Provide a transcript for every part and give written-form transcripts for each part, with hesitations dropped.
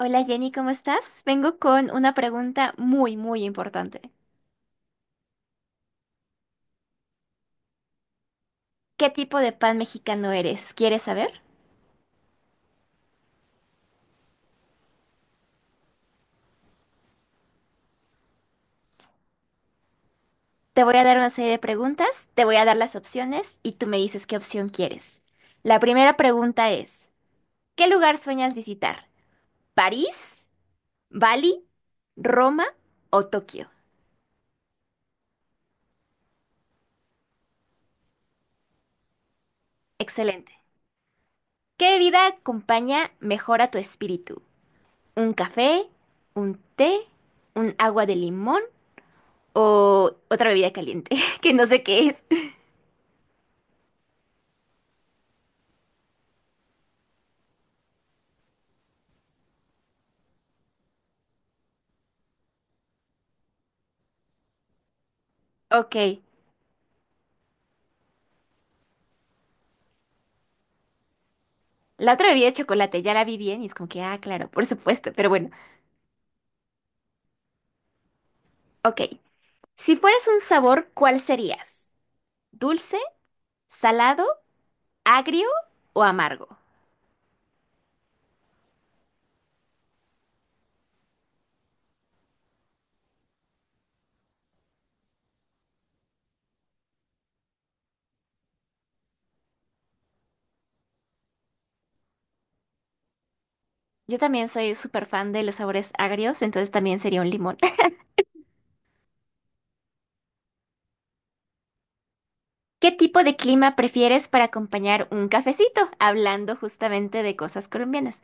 Hola Jenny, ¿cómo estás? Vengo con una pregunta muy, muy importante. ¿Qué tipo de pan mexicano eres? ¿Quieres saber? Te voy a dar una serie de preguntas, te voy a dar las opciones y tú me dices qué opción quieres. La primera pregunta es, ¿qué lugar sueñas visitar? ¿París? ¿Bali? ¿Roma o Tokio? Excelente. ¿Qué bebida acompaña mejor a tu espíritu? ¿Un café? ¿Un té? ¿Un agua de limón? ¿O otra bebida caliente? Que no sé qué es. Ok, la otra bebida de chocolate, ya la vi bien y es como que, ah, claro, por supuesto, pero bueno, ok. Si fueras un sabor, ¿cuál serías? ¿Dulce, salado, agrio o amargo? Yo también soy súper fan de los sabores agrios, entonces también sería un limón. ¿Qué tipo de clima prefieres para acompañar un cafecito? Hablando justamente de cosas colombianas.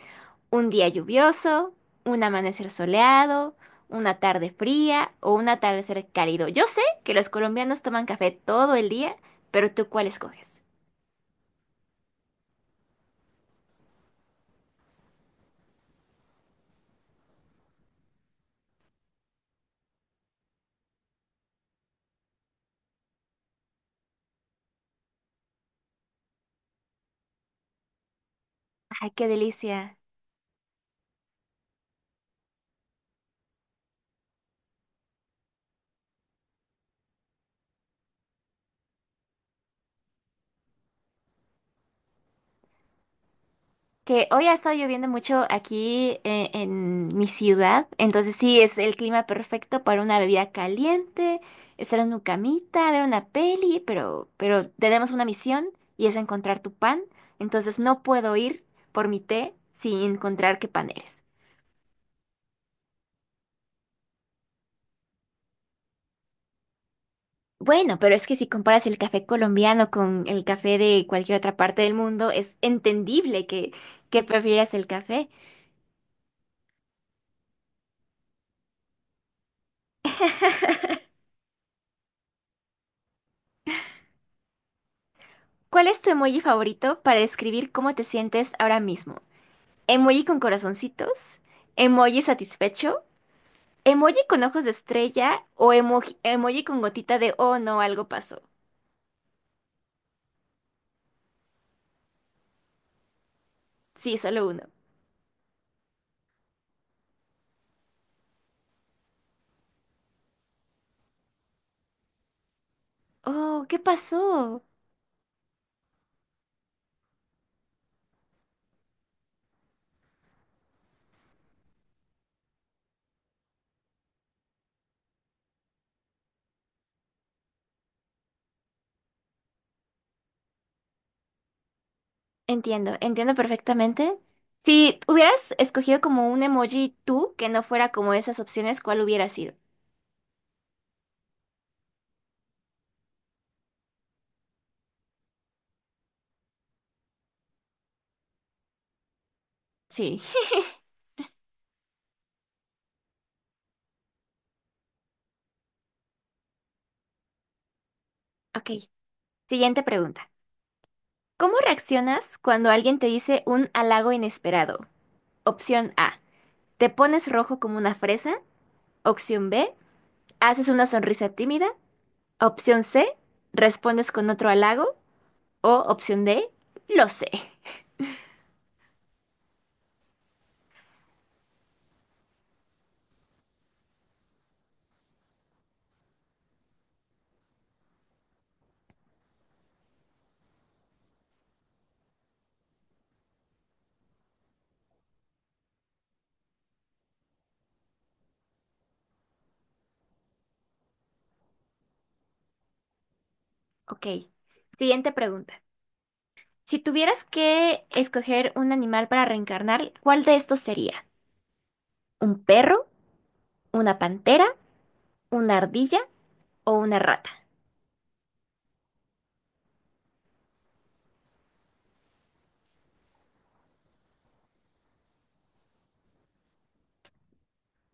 Un día lluvioso, un amanecer soleado, una tarde fría o un atardecer cálido. Yo sé que los colombianos toman café todo el día, pero ¿tú cuál escoges? Ay, qué delicia. Que hoy ha estado lloviendo mucho aquí en mi ciudad, entonces sí, es el clima perfecto para una bebida caliente, estar en una camita, ver una peli, pero tenemos una misión y es encontrar tu pan, entonces no puedo ir por mi té sin encontrar qué pan eres. Bueno, pero es que si comparas el café colombiano con el café de cualquier otra parte del mundo, es entendible que prefieras el café. ¿Cuál es tu emoji favorito para describir cómo te sientes ahora mismo? ¿Emoji con corazoncitos? ¿Emoji satisfecho? ¿Emoji con ojos de estrella? ¿O emoji con gotita de, oh no, algo pasó? Sí, solo uno. Oh, ¿qué pasó? Entiendo, entiendo perfectamente. Si hubieras escogido como un emoji tú que no fuera como esas opciones, ¿cuál hubiera sido? Sí. Ok, siguiente pregunta. ¿Cómo reaccionas cuando alguien te dice un halago inesperado? Opción A, te pones rojo como una fresa. Opción B, haces una sonrisa tímida. Opción C, respondes con otro halago. O opción D, lo sé. Ok, siguiente pregunta. Si tuvieras que escoger un animal para reencarnar, ¿cuál de estos sería? ¿Un perro, una pantera, una ardilla o una rata?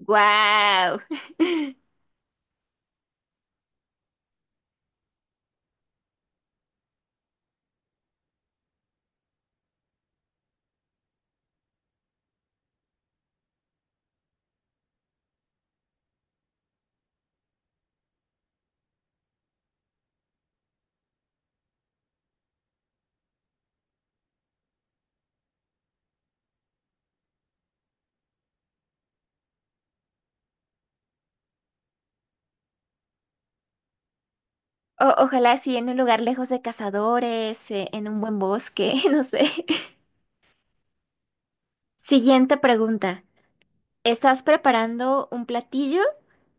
¡Guau! Ojalá sí, en un lugar lejos de cazadores, en un buen bosque, no sé. Siguiente pregunta. Estás preparando un platillo,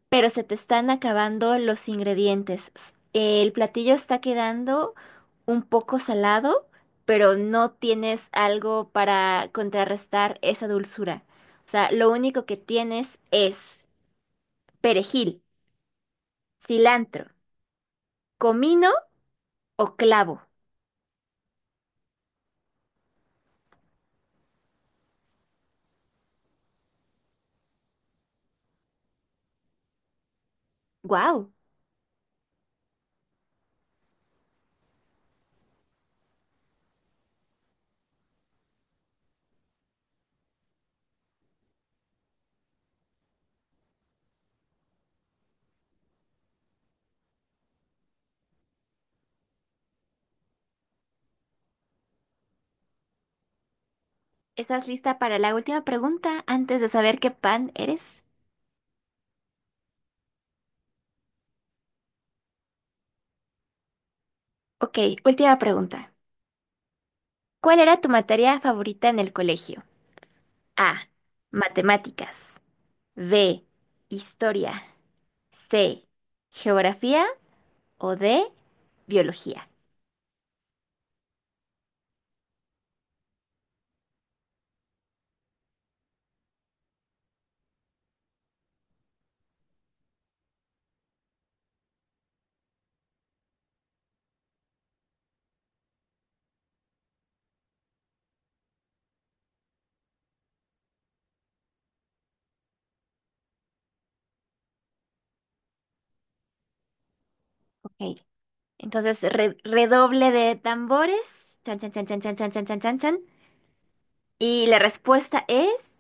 pero se te están acabando los ingredientes. El platillo está quedando un poco salado, pero no tienes algo para contrarrestar esa dulzura. O sea, lo único que tienes es perejil, cilantro, comino o clavo. ¡Guau! ¿Estás lista para la última pregunta antes de saber qué pan eres? Ok, última pregunta. ¿Cuál era tu materia favorita en el colegio? A. Matemáticas. B. Historia. C. Geografía. O D. Biología. Ok. Entonces, redoble de tambores. Chan, chan, chan, chan, chan, chan, chan, chan, chan, chan. Y la respuesta es,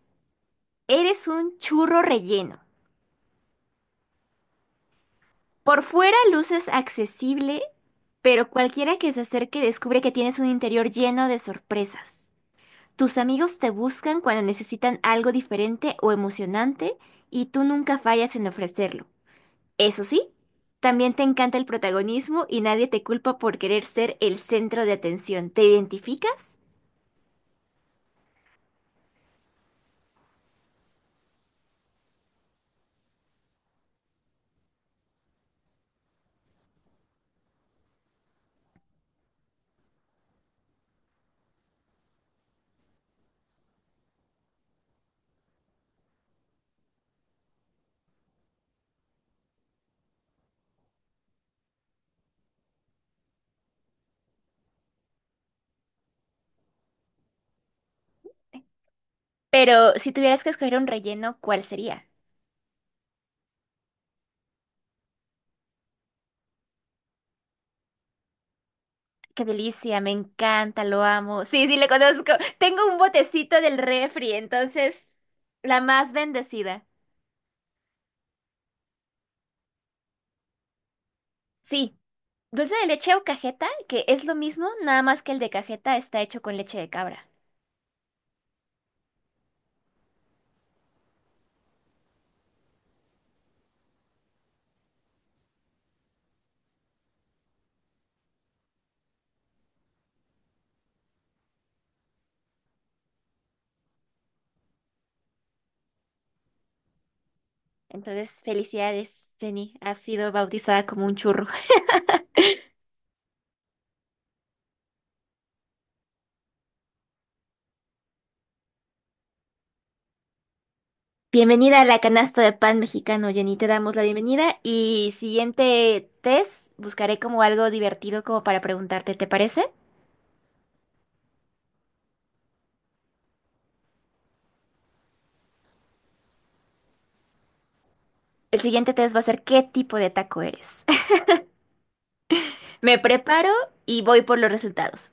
eres un churro relleno. Por fuera luces accesible, pero cualquiera que se acerque descubre que tienes un interior lleno de sorpresas. Tus amigos te buscan cuando necesitan algo diferente o emocionante y tú nunca fallas en ofrecerlo. Eso sí, también te encanta el protagonismo y nadie te culpa por querer ser el centro de atención. ¿Te identificas? Pero si tuvieras que escoger un relleno, ¿cuál sería? Qué delicia, me encanta, lo amo. Sí, sí, le conozco. Tengo un botecito del refri, entonces, la más bendecida. Sí, dulce de leche o cajeta, que es lo mismo, nada más que el de cajeta está hecho con leche de cabra. Entonces, felicidades, Jenny. Has sido bautizada como un churro. Bienvenida a la canasta de pan mexicano, Jenny. Te damos la bienvenida y siguiente test, buscaré como algo divertido como para preguntarte, ¿te parece? El siguiente test va a ser qué tipo de taco eres. Me preparo y voy por los resultados.